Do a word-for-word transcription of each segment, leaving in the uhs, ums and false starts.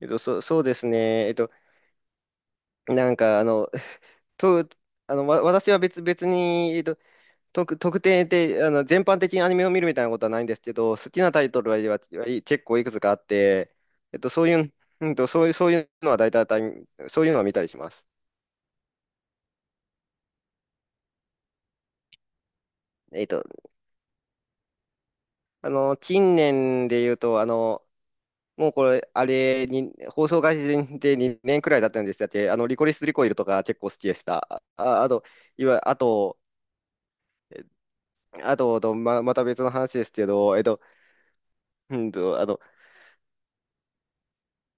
えっと、そう、そうですね。えっと、なんか、あの、と、あの、わ、私は別、別に、えっと、特、特定で、あの、全般的にアニメを見るみたいなことはないんですけど、好きなタイトルは、ははい、結構いくつかあって、えっと、そういう、うんと、そういう、そういうのは大体、そういうのは見たりします。えっと、あの、近年で言うと、あの、もうこれ、あれに、放送開始でにねんくらいだったんですだって、あの、リコリス・リコイルとか結構好きでした。あ、あと、いわ、あと、あと、とま、また別の話ですけど、えっと、うんと、あの、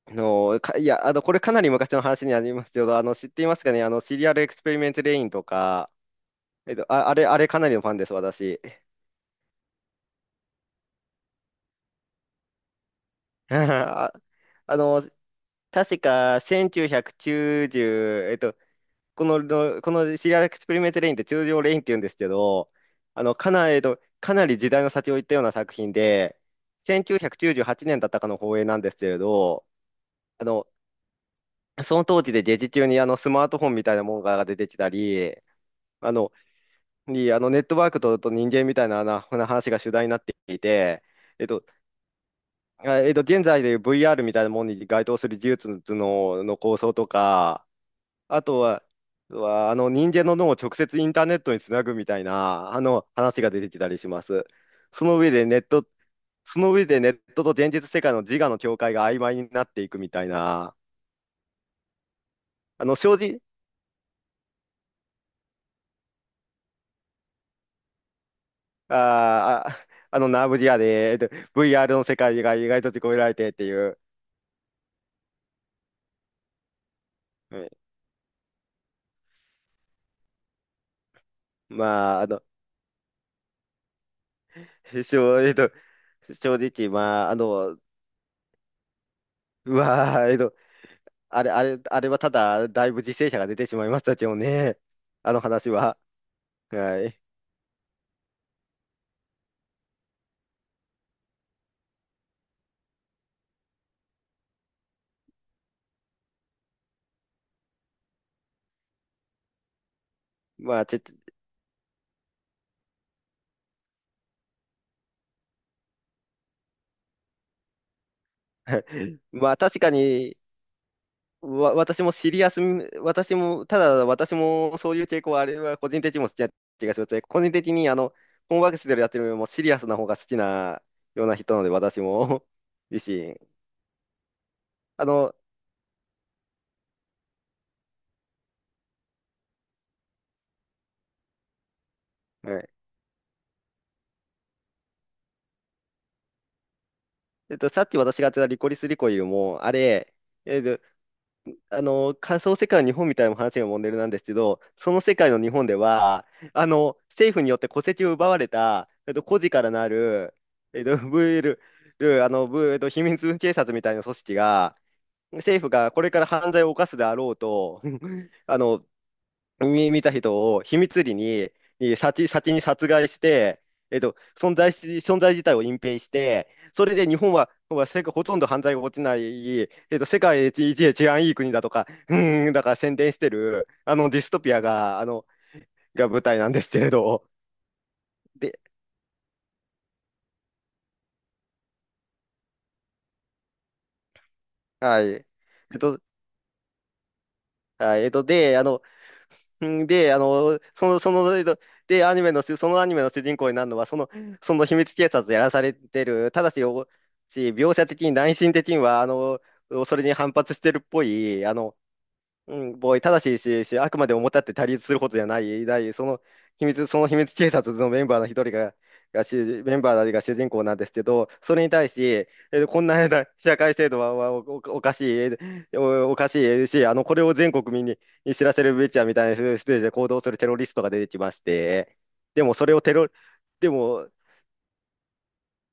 あの、か、いや、あの、これかなり昔の話になりますけど、あの、知っていますかね、あの、シリアルエクスペリメントレインとか、えっと、あ、あれ、あれかなりのファンです、私。あ、あの、確かせんきゅうひゃくきゅうじゅう、えっと、この、のこのシリアルエクスペリメントレインって通常レインって言うんですけど、あの、かなり、えっと、かなり時代の先を行ったような作品で、せんきゅうひゃくきゅうじゅうはちねんだったかの放映なんですけれど、あのその当時でデジ中にあのスマートフォンみたいなものが出てきたり、あの、にあのネットワークと、と人間みたいな、なな話が主題になっていて、えっと、あえっと、現在でいう ブイアール みたいなものに該当する技術の、の構想とか、あとは、はあの人間の脳を直接インターネットにつなぐみたいなあの話が出てきたりします。その上でネット、その上でネットと現実世界の自我の境界が曖昧になっていくみたいな、あの正直、あーあ、あの、ナーブリアで、えっと ブイアール の世界が意外と閉じ込められてっていう、うんまあ、あの、正、えっと、正直、まあ、あの、うわー、えっと、あれ、あれ、あれはただ、だいぶ犠牲者が出てしまいましたけどね、あの話は。はい。まあ、ちょっと、まあ、確かに、わ、私もシリアス私も、ただ私もそういう傾向はあれは個人的にも好きな気がしますね。個人的にあの、本ワークスでやってるよりもシリアスな方が好きなような人なので、私も 自身。あの、はい。えっと、さっき私がやってたリコリスリコイルも、あれ、えっと、あの、仮想世界の日本みたいな話がモデルなんですけど、その世界の日本では、あの、政府によって戸籍を奪われた、えっと、孤児からなる、えっと、VL、あの、ブえっと、秘密警察みたいな組織が、政府がこれから犯罪を犯すであろうと、あの、見見た人を秘密裏に、えー先、先に殺害して、えっと、存在し、存在自体を隠蔽して、それで日本は、は世界ほとんど犯罪が起きない、えっと、世界一、一治安いい国だとか、うーん、だから宣伝してる、あのディストピアが、あの、が舞台なんですけれど、で、はい。えっと、はい、えっと、で、あの、んで、あの、その、その、えっとで、アニメの主、そのアニメの主人公になるのは、その、その秘密警察やらされてる、ただし、おし描写的に、内心的には、あの、それに反発してるっぽい、あの、うん、ボーイ、ただし、し、し、あくまで表立って対立することじゃない、だい、その秘密、その秘密警察のメンバーの一人が、がし、メンバーたちが主人公なんですけど、それに対し、えーこんな社会制度ははお、お、おかしい、えーお、おかしいし、あの、これを全国民にに知らせるべきやみたいなステージで行動するテロリストが出てきまして、でもそれをテロ、でも、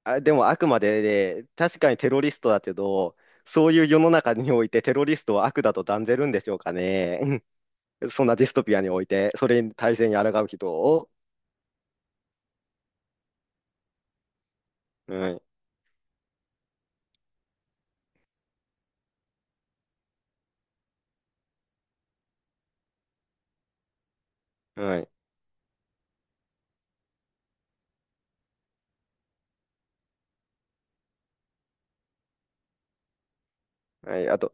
あ、でもあくまで、ね、確かにテロリストだけど、そういう世の中においてテロリストは悪だと断ぜるんでしょうかね。そんなディストピアにおいて、それに体制に抗う人を、はい、はい、はい、あと、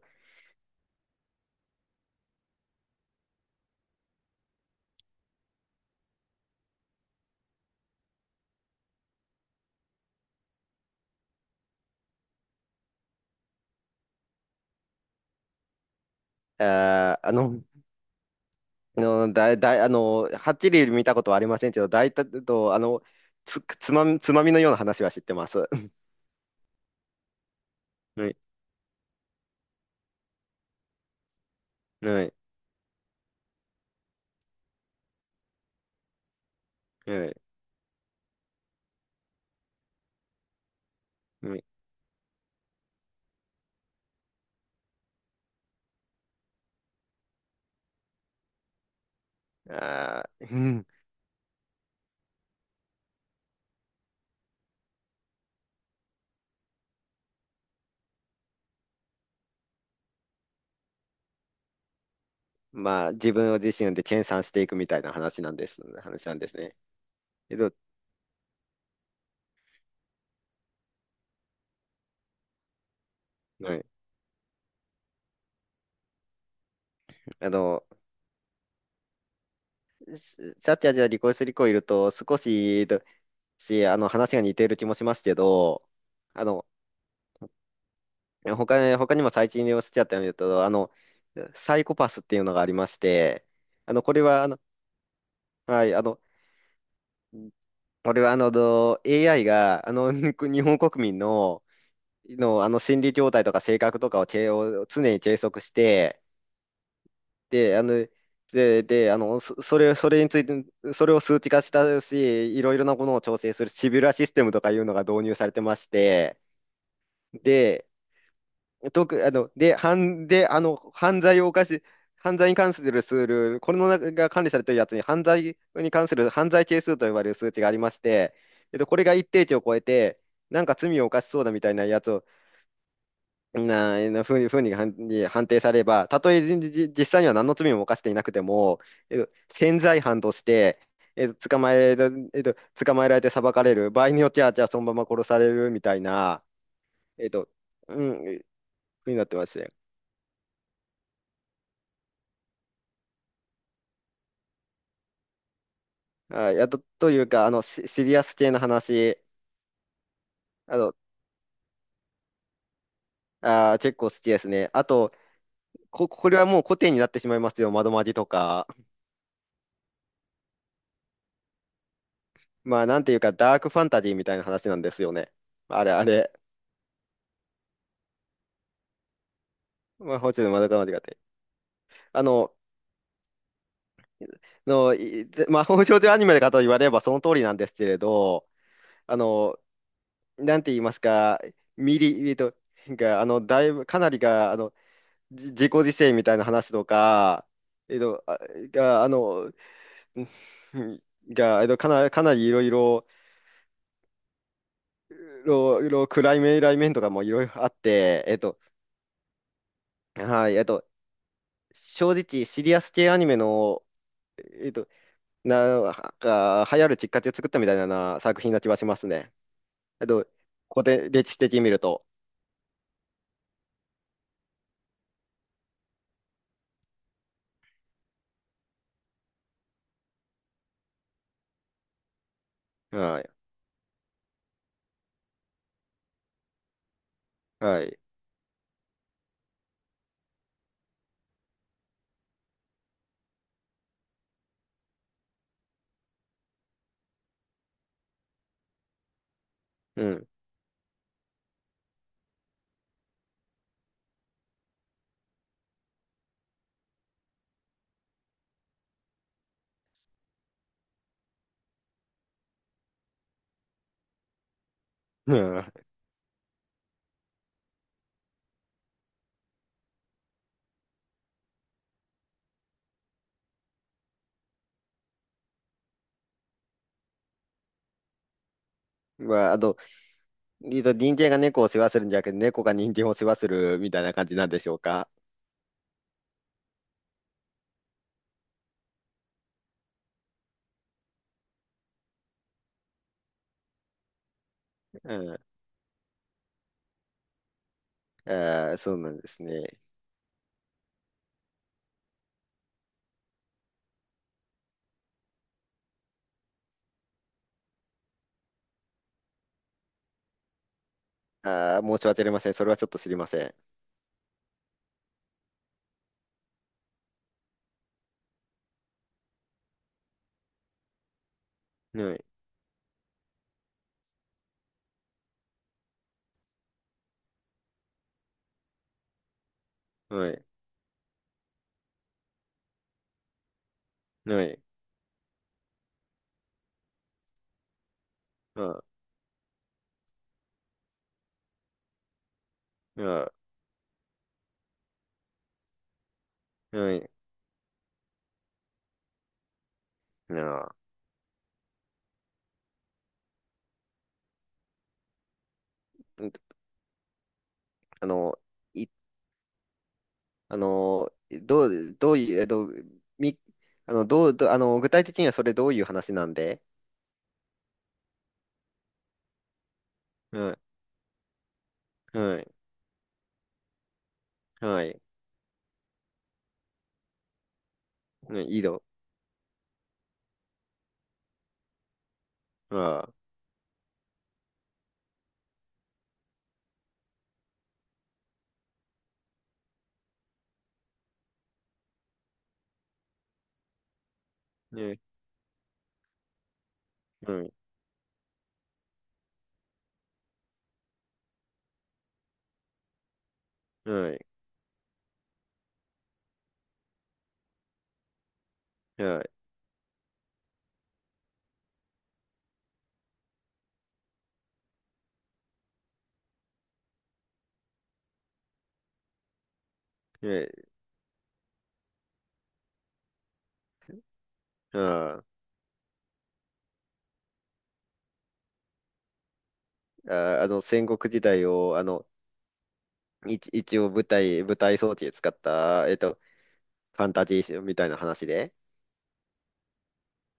あー、あの、あの、だい、だい、あの、はっきり見たことはありませんけど、大体と、あの、つ、つまみ、つまみのような話は知ってます。はい、はい、はい、はい。あー、うん。まあ、自分を自身で研鑽していくみたいな話なんです、話なんですね。けど、はい、あの、シャッきーじゃリ離婚する子いると、少し、し、あの、話が似ている気もしますけど、あの、え、他に、他にも最近でおっしゃったように言うと、あの、サイコパスっていうのがありまして、あの、これは、あの、はい、あの、これは、あの、ど エーアイ が、あの、日本国民の、の、あの、心理状態とか性格とかを、チェを常に計測して、で、あの、で、で、あの、そそれ、それについて、それを数値化したし、いろいろなものを調整するシビュラシステムとかいうのが導入されてまして、で、特、あの、で、犯、で、あの、犯罪を犯し、犯罪に関する数ル、これの中が管理されているやつに、犯罪に関する犯罪係数と呼ばれる数値がありまして、えっと、これが一定値を超えて、なんか罪を犯しそうだみたいなやつを、な、なふうふうに判、に判定されれば、たとえじじ実際には何の罪も犯していなくても、えっと、潜在犯として、えっと、捕まえ、えっと、捕まえられて裁かれる、場合によっては、じゃあそのまま殺されるみたいな、えっと、うん、ふうになってます。あいや、あと、というか、あの、シシリアス系の話、あの、あー、結構好きですね。あと、こ、これはもう古典になってしまいますよ。窓マジとか。まあ、なんていうか、ダークファンタジーみたいな話なんですよね。あれ、あれ。魔法少女窓かまりがて。あの、の、いで魔法少女アニメかと言われればその通りなんですけれど、あの、なんて言いますか、ミリ、えっと、が、あの、だいぶ、かなりが、あの、じ自己犠牲みたいな話とか、えっと、あが、あの、が、えっと、かな、かなりいろいろ、いろいろ暗い面、来面とかもいろいろあって、えっと、はい、えっと、正直、シリアス系アニメの、えっと、な、が、流行るきっかけを作ったみたいな作品な気はしますね。えっと、ここで歴史的に見ると。はい、はい、うん。うんまあ、あと、えっと、人間が猫を世話するんじゃなくて、猫が人間を世話するみたいな感じなんでしょうか。うん、あー、そうなんですね。あー、申し訳ありません。それはちょっと知りません。ない、ない、ない、あ、あ、ない、な、うん、あの、い、あの、どう、どういう、えっと、み、あの、どう、どあの、具体的にはそれどういう話なんで？はい、はい、はい、ね、いいの、あ、ね、はい、はい、はい、ね、あ、あ、あの、戦国時代を、あの、一、一応舞台、舞台装置で使った、えっと、ファンタジーみたいな話で